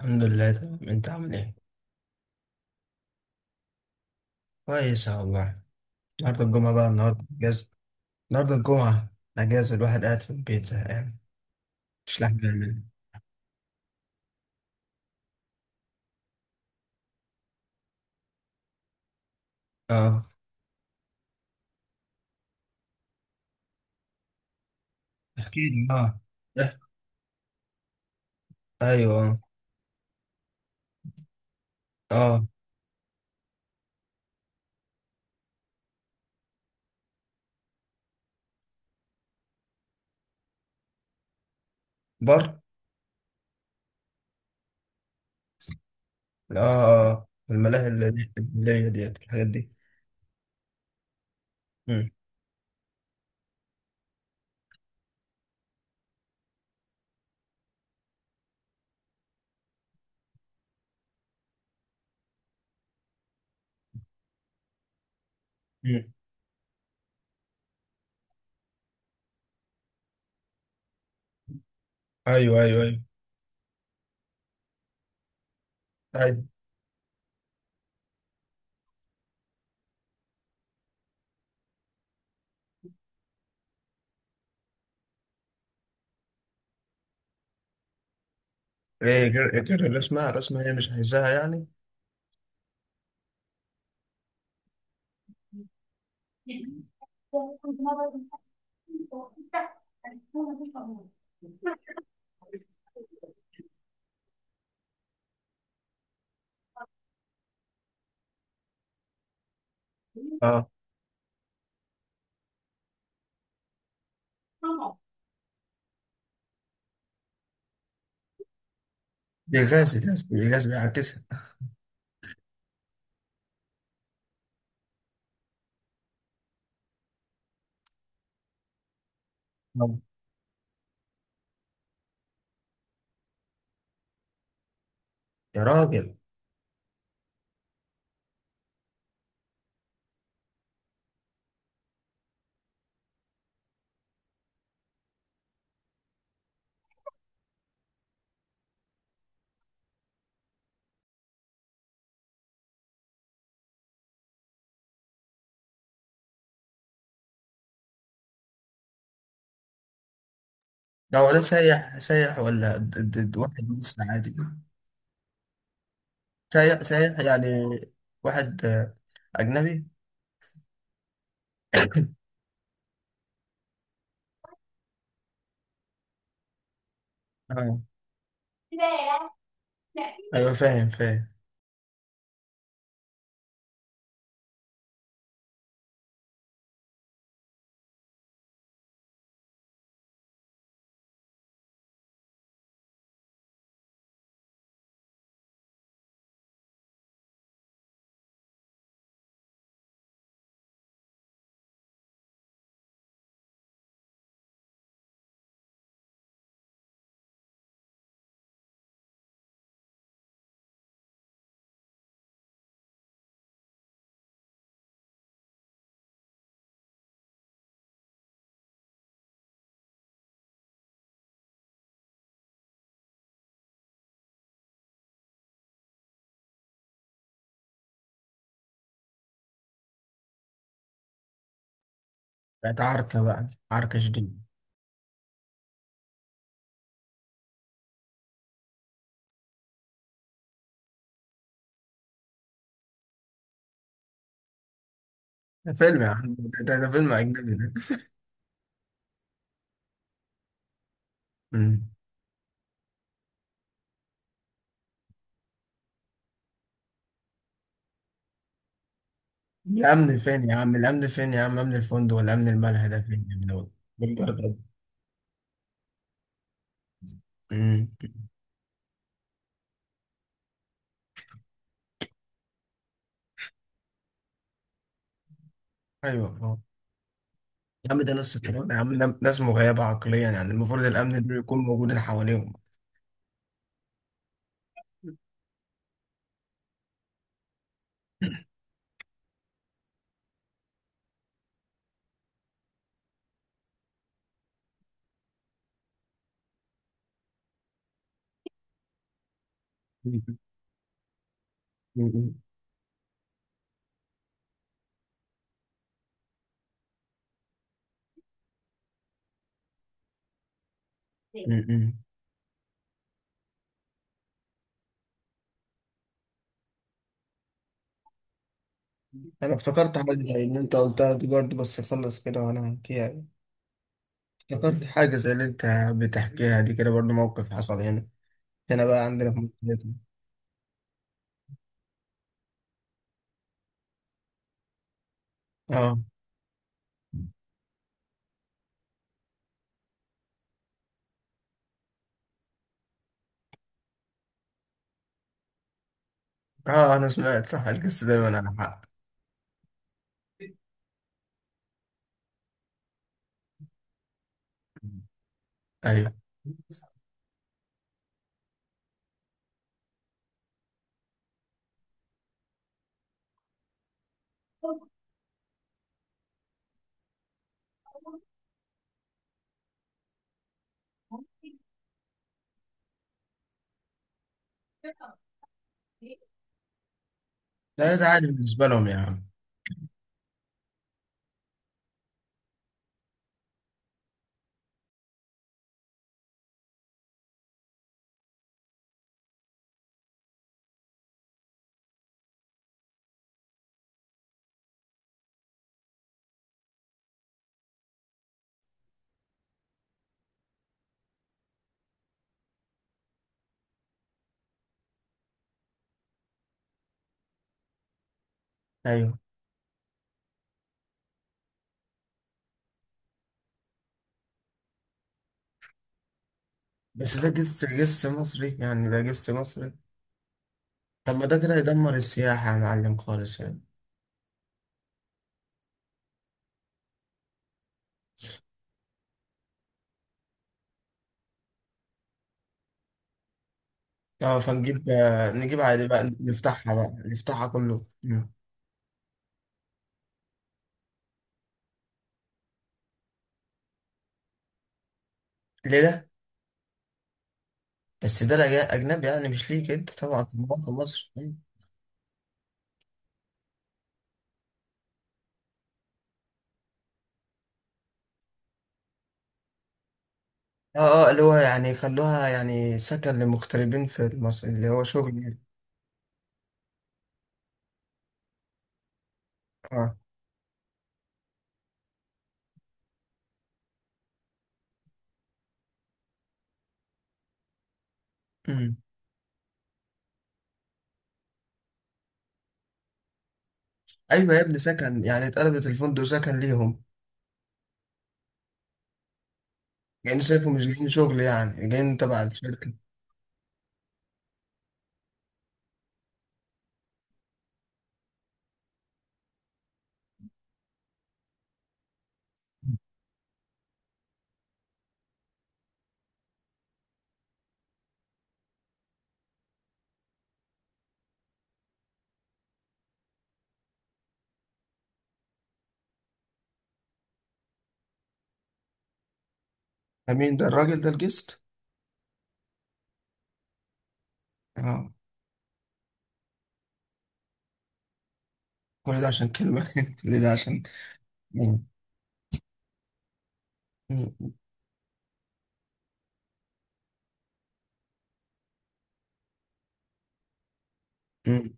الحمد لله، تمام. انت عامل ايه؟ كويس يا والله. النهارده الجمعة بقى، النهارده اجازة. النهارده الجمعة اجازة، الواحد قاعد في البيت زهقان، مش لاحق يعمل. اه. احكي لي. اه. اه، ايوه، اه. بر. اه. اه، الملاهي اللي هي ديت، الحاجات دي. مم. مم. ايوه، ايوه، ايوه. ايوه، ايه غير الرسمة. الرسمة هي مش عايزاها يعني. اه. بيغاز بيغاز بيعكسها. نعم. يا راجل، ده هو ده سايح؟ سايح ولا واحد مصري عادي؟ سايح سايح يعني؟ واحد أجنبي؟ آه. أيوة، فاهم فاهم. بقت عركة، بقى عركة شديدة. ده فيلم يا عم، ده فيلم أجنبي ده. أمم. الأمن فين يا عم؟ الأمن فين يا عم؟ أمن الفندق ولا أمن الملهى ده فين يا ابن الولد؟ بالجرد. أمم. أيوة، يا عم ده ناس سكران، يا عم ده ناس مغيبة عقليا. يعني المفروض الأمن ده يكون موجود حواليهم. م- م- م- أنا افتكرت حاجة زي اللي أنت قلتها دي برضه، بس أخلص كده وأنا هحكيها. افتكرت حاجة زي اللي أنت بتحكيها دي كده برضه، موقف حصل هنا. هنا بقى عندنا في منطقتنا. أه. أه، أنا سمعت. صح، القصة دايما على حق. أيوه. لا، ده عادي بالنسبة لهم يعني. أيوه. بس ده جست، جست مصري يعني. ده جست مصري. طب ما ده كده يدمر السياحة يا معلم خالص يعني. اه، فنجيب، نجيب عادي بقى، نفتحها بقى، نفتحها كله. مم. ليه ده؟ بس ده أجنبي يعني، مش ليك أنت طبعا، في مواطن مصر. مم. اه اه، اللي هو يعني خلوها يعني سكن للمغتربين في مصر، اللي هو شغل يعني. اه. مم. أيوة يا ابني، سكن يعني. اتقلبت الفندق سكن ليهم. يعني شايفه مش جايين شغل، يعني جايين تبع الشركة. مين ده الراجل ده؟ الجست؟ اه. كل ده عشان كلمة كل ده عشان. مم. مم. مم.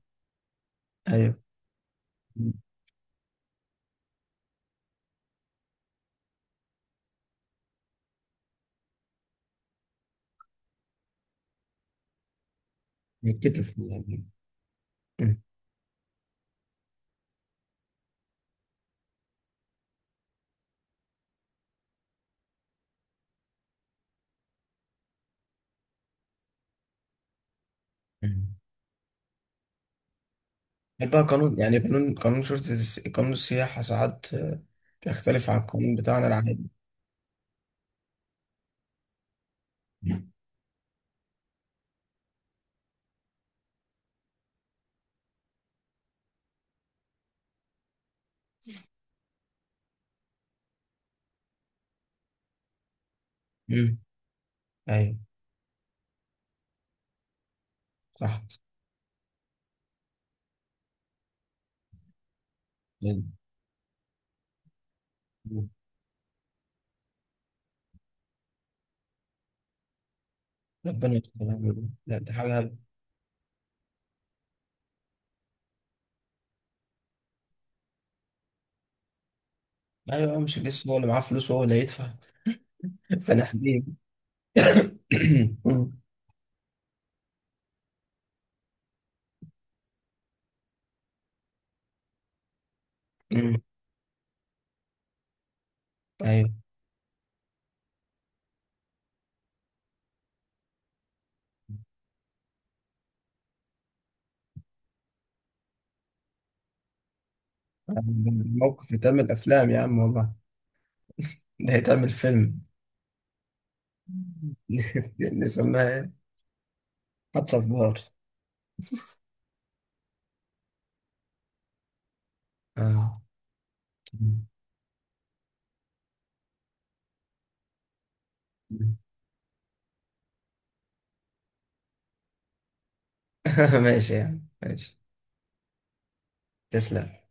أيوة. يتكتف يعني. مم. مم. هل بقى قانون، يعني قانون قانون السياحة ساعات بيختلف عن القانون بتاعنا العادي؟ مم. مم. أيوه. صح. مم. ربنا يستر. لا ده حاجة. أيوه، مش لسه هو اللي معاه فلوس وهو اللي هيدفع؟ فنحميه. مم. مم. أيوه. موقف يتعمل أفلام يا عم والله. ده هيتعمل فيلم. نسميها إيه؟ حتى في بار. آه. ماشي يعني، ماشي. تسلم.